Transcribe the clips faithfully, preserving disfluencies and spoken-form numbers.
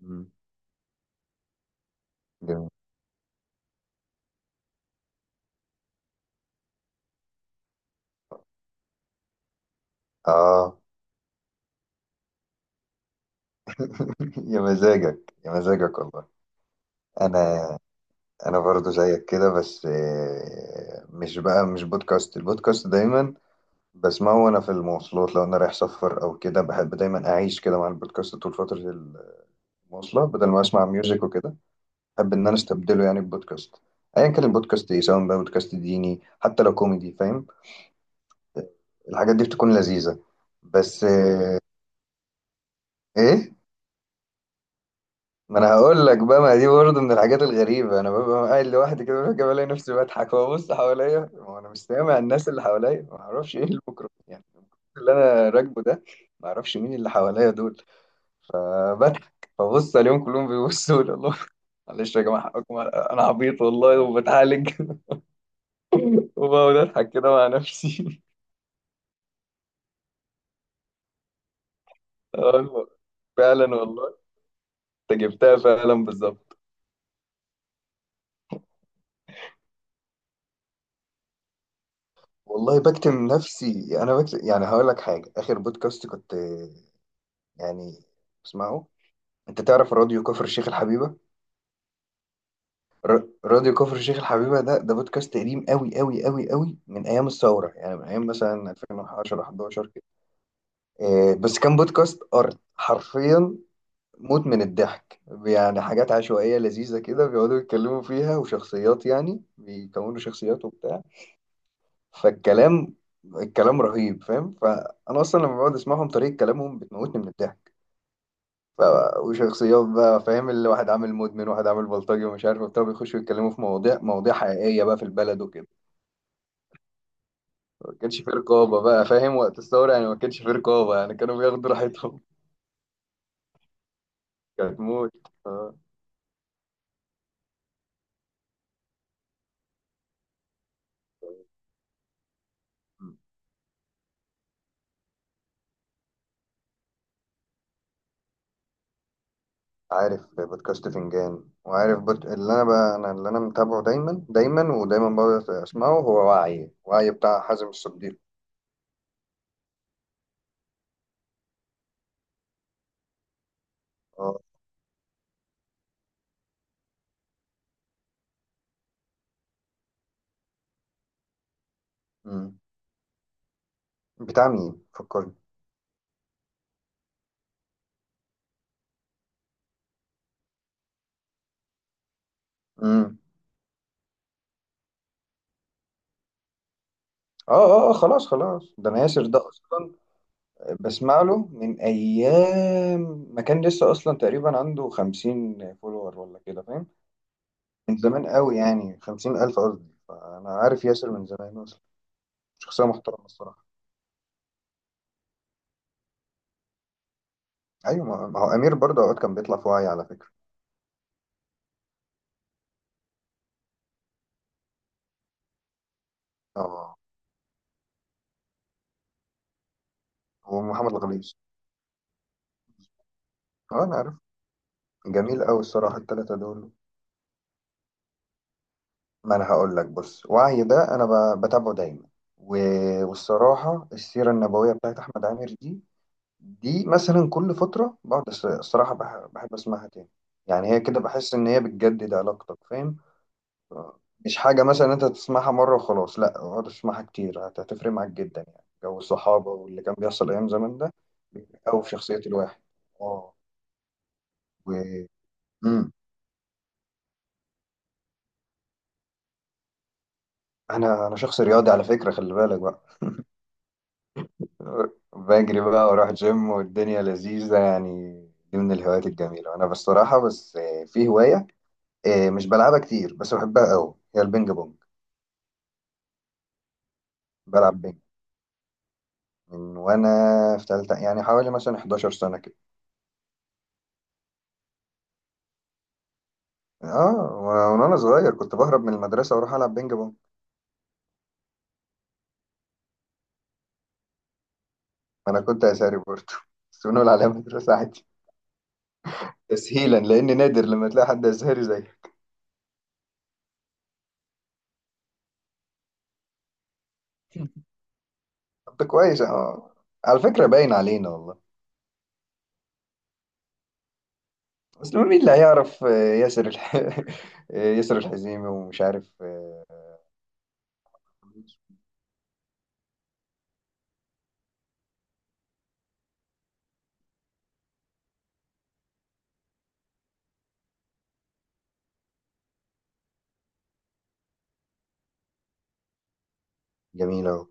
مم. جميل، اه. يا مزاجك يا مزاجك والله. انا انا برضو زيك كده، بس آه، مش بقى مش بودكاست البودكاست دايما بسمعه وانا في المواصلات. لو انا رايح سفر او كده بحب دايما اعيش كده مع البودكاست طول فترة المواصلة بدل ما اسمع ميوزك وكده. بحب ان انا استبدله يعني ببودكاست، ايا كان البودكاست ايه، سواء بقى بودكاست ديني حتى لو كوميدي، فاهم؟ الحاجات دي بتكون لذيذة. بس آه، ايه، ما انا هقول لك بقى، ما دي برضه من الحاجات الغريبه. انا ببقى قاعد لوحدي كده فجاه بلاقي نفسي بضحك وابص حواليا وانا مش سامع الناس اللي حواليا، ما اعرفش ايه الميكروفون، يعني الميكروفون اللي انا راكبه ده. ما اعرفش مين اللي حواليا دول، فبضحك فبص عليهم كلهم بيبصوا لي. الله، معلش يا جماعه حقكم، انا عبيط والله وبتعالج. وبقعد اضحك كده مع نفسي. أقول فعلا والله، انت جبتها فعلا بالظبط. والله بكتم نفسي، انا بكتم. يعني هقول لك حاجه، اخر بودكاست كنت يعني بسمعه، انت تعرف راديو كفر الشيخ الحبيبه؟ ر- راديو كفر الشيخ الحبيبه ده ده بودكاست قديم قوي قوي قوي قوي، من ايام الثوره، يعني من ايام مثلا ألفين وعشرة ميلادي احداشر كده. آه، بس كان بودكاست ارض حرفيا، موت من الضحك. يعني حاجات عشوائيه لذيذه كده بيقعدوا يتكلموا فيها، وشخصيات، يعني بيكونوا شخصيات وبتاع. فالكلام الكلام رهيب، فاهم؟ فانا اصلا لما بقعد اسمعهم طريقه كلامهم بتموتني من الضحك. ف... وشخصيات بقى، فاهم؟ اللي واحد عامل مدمن، واحد عامل بلطجي، ومش عارف وبتاع، بيخشوا يتكلموا في مواضيع مواضيع حقيقية بقى في البلد وكده. ما كانش في رقابة بقى، فاهم؟ وقت الثورة يعني ما كانش في رقابة، يعني كانوا بياخدوا راحتهم. كانت موت. آه. عارف بودكاست فنجان؟ وعارف بود... اللي انا بقى، انا اللي انا متابعه دايما دايما ودايما بقعد اسمعه، هو وعي، وعي بتاع حازم الصديق. اه. أمم. بتاع مين فكرني؟ امم. اه اه، آه، خلاص خلاص، ده انا ياسر ده اصلا بسمع له من ايام ما كان لسه اصلا تقريبا عنده خمسين فولور ولا كده، فاهم؟ من زمان قوي، يعني خمسين الف قصدي. فانا عارف ياسر من زمان اصلا، شخصيه محترمه الصراحه. ايوه، ما ما هو امير برضه اوقات كان بيطلع في وعي على فكره. اه، ومحمد الغليظ. اه انا عارف، جميل قوي الصراحه الثلاثه دول. ما انا هقول لك، بص، وعي ده انا ب- بتابعه دايما. و- والصراحه السيره النبويه بتاعت احمد عامر دي، دي مثلا كل فترة بقعد أس- الصراحة بح- بحب أسمعها تاني. يعني هي كده بحس إن هي بتجدد علاقتك، فاهم؟ مش حاجة مثلا أنت تسمعها مرة وخلاص، لأ، اقعد تسمعها كتير، هت- هتفرق معاك جدا يعني. جو الصحابة واللي كان بيحصل أيام زمان ده، أو في شخصية الواحد. اه، و، مم. أنا أنا شخص رياضي على فكرة، خلي بالك بقى. بجري بقى وأروح جيم والدنيا لذيذة يعني، دي من الهوايات الجميلة. أنا بصراحة، بس آه، في هواية آه، مش بلعبها كتير بس بحبها أوي، هي البينج بونج. بلعب بينج من وانا في تالتة، يعني حوالي مثلا 11 سنة كده. اه، وأنا- من وانا صغير كنت بهرب من المدرسة واروح العب بينج بونج. ما انا كنت ازهري برضه، بس بنقول عليها مدرسة عادي تسهيلا، لان نادر لما تلاقي حد ازهري زيي. طب كويس، اه. على فكرة باين علينا والله. بس مين اللي هيعرف آه، ياسر الح... ياسر الحزيمي ومش عارف آه، جميل أهو.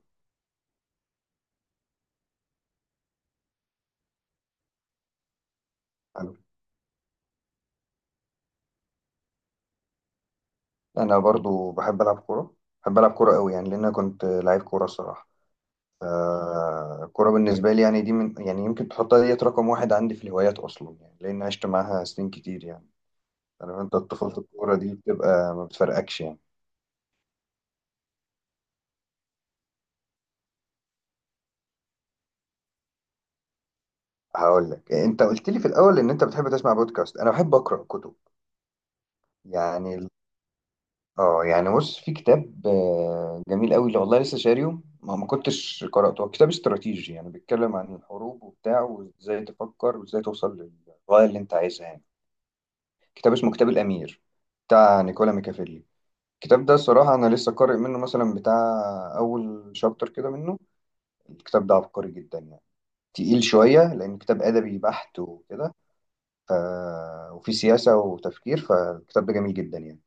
أنا برضو بحب ألعب كورة، بحب ألعب كورة قوي يعني، لأن أنا كنت لعيب كورة الصراحة. الكورة بالنسبة لي يعني دي من، يعني يمكن تحطها ديت رقم واحد عندي في الهوايات أصلا، يعني لأن عشت معاها سنين كتير يعني. عارف أنت طفولة الكورة دي بتبقى ما بتفرقكش يعني. هقول لك، أنت قلت لي في الأول إن أنت بتحب تسمع بودكاست، أنا بحب أقرأ كتب. يعني ال- آه يعني، بص، في كتاب آه، جميل قوي، اللي والله لسه شاريه ما ما كنتش قرأته. هو كتاب استراتيجي، يعني بيتكلم عن الحروب وبتاع، وإزاي تفكر وإزاي توصل للغاية اللي أنت عايزها يعني. كتاب اسمه كتاب الأمير، بتاع نيكولا ميكافيلي. الكتاب ده صراحة أنا لسه قارئ منه مثلا بتاع أول شابتر كده منه. الكتاب ده عبقري جدا يعني، تقيل شوية لأن كتاب أدبي بحت وكده. ف... وفي سياسة وتفكير، فالكتاب ده جميل جدا يعني.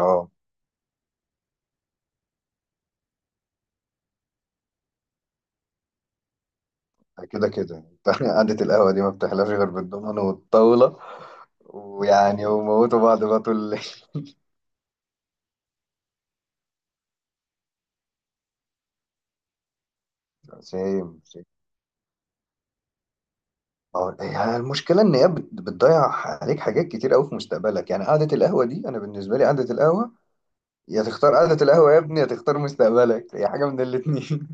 اه، كده كده انت. قعدة القهوة دي ما بتحلاش غير بالضمان والطاولة، ويعني وموتوا بعض بقى طول الليل. سيم سيم. اه، هي المشكلة إن هي بت- بتضيع عليك حاجات كتير أوي في مستقبلك. يعني قعدة القهوة دي أنا بالنسبة لي، قعدة القهوة، يا تختار قعدة القهوة يا ابني، يا تختار مستقبلك، يا حاجة من الاتنين.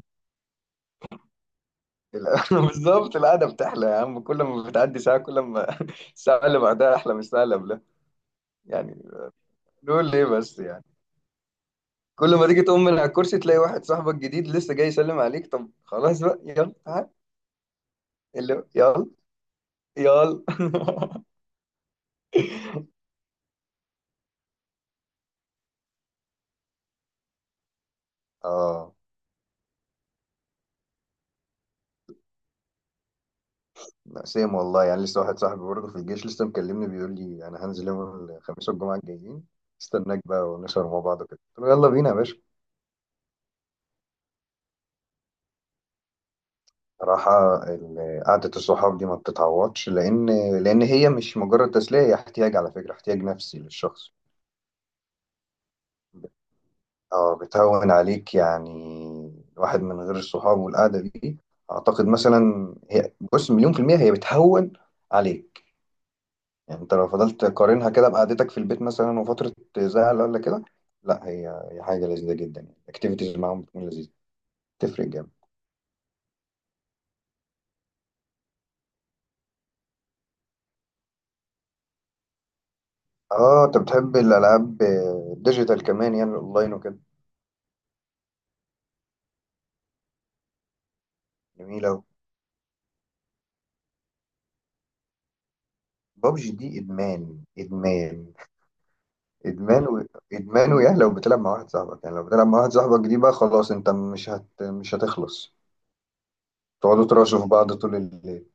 القهوة- بالظبط، القعدة بتحلى يا عم كل ما بتعدي ساعة، كل ما الساعة اللي بعدها أحلى من الساعة اللي قبلها يعني. نقول ليه بس يعني؟ كل ما تيجي تقوم من على الكرسي تلاقي واحد صاحبك جديد لسه جاي يسلم عليك، طب خلاص بقى يلا تعال. اللي يلا، يلا. اه، لا سيم والله. يعني لسه واحد صاحبي برضه في الجيش لسه مكلمني بيقول لي انا هنزل يوم الخميس والجمعة الجايين، استناك بقى ونسهر مع بعض كده. قلت له يلا بينا يا باشا. صراحة ال- قعدة الصحاب دي ما بتتعوضش، لأن لأن هي مش مجرد تسلية، هي احتياج على فكرة، احتياج نفسي للشخص. اه، بتهون عليك يعني. الواحد من غير الصحاب والقعدة دي، أعتقد مثلا هي، بص، مليون في المية هي بتهون عليك يعني. أنت لو فضلت تقارنها كده بقعدتك في البيت مثلا وفترة زعل ولا كده، لا هي، هي حاجة لذيذة جدا يعني. الأكتيفيتيز معاهم بتكون لذيذة، تفرق جامد. اه أنت بتحب الألعاب آه، الديجيتال كمان يعني الأونلاين وكده. جميلة أوي. بابجي دي ادمان، ادمان، ادمان و... ادمان. ويا لو بتلعب مع واحد صاحبك يعني، لو بتلعب مع واحد صاحبك دي بقى خلاص، انت مش هت... مش هتخلص. تقعدوا تراشوا في بعض طول الليل.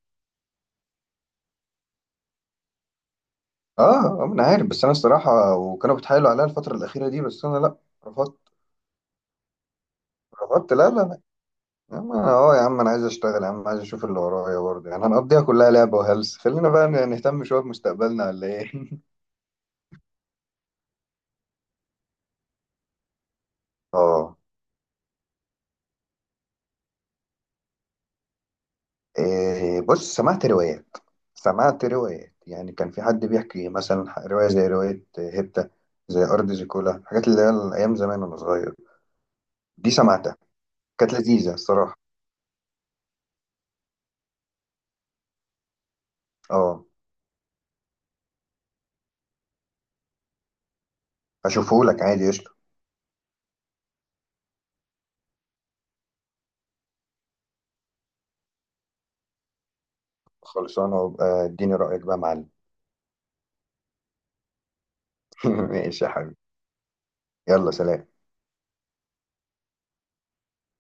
اه، آه، انا عارف. بس انا الصراحه وكانوا بيتحايلوا عليا الفتره الاخيره دي، بس انا لا، رفضت. رفضت، لا لا لا. يا عم انا اه، يا عم انا عايز اشتغل يا عم، عايز اشوف اللي ورايا برضه يعني. هنقضيها كلها لعبه وهلس؟ خلينا بقى نهتم شويه بمستقبلنا ولا ايه؟ اه، إيه، بص، سمعت روايه، سمعت روايات. يعني كان في حد بيحكي مثلا، ح- رواية زي رواية هبتة، زي أرض زيكولا، الحاجات اللي هي أيام زمان وأنا صغير. دي سمعتها، كانت لذيذة الصراحة. أه، هشوفهولك عادي قشطة. خلصانة، وابقى اديني رأيك بقى يا معلم. ماشي يا حبيبي، يلا سلام.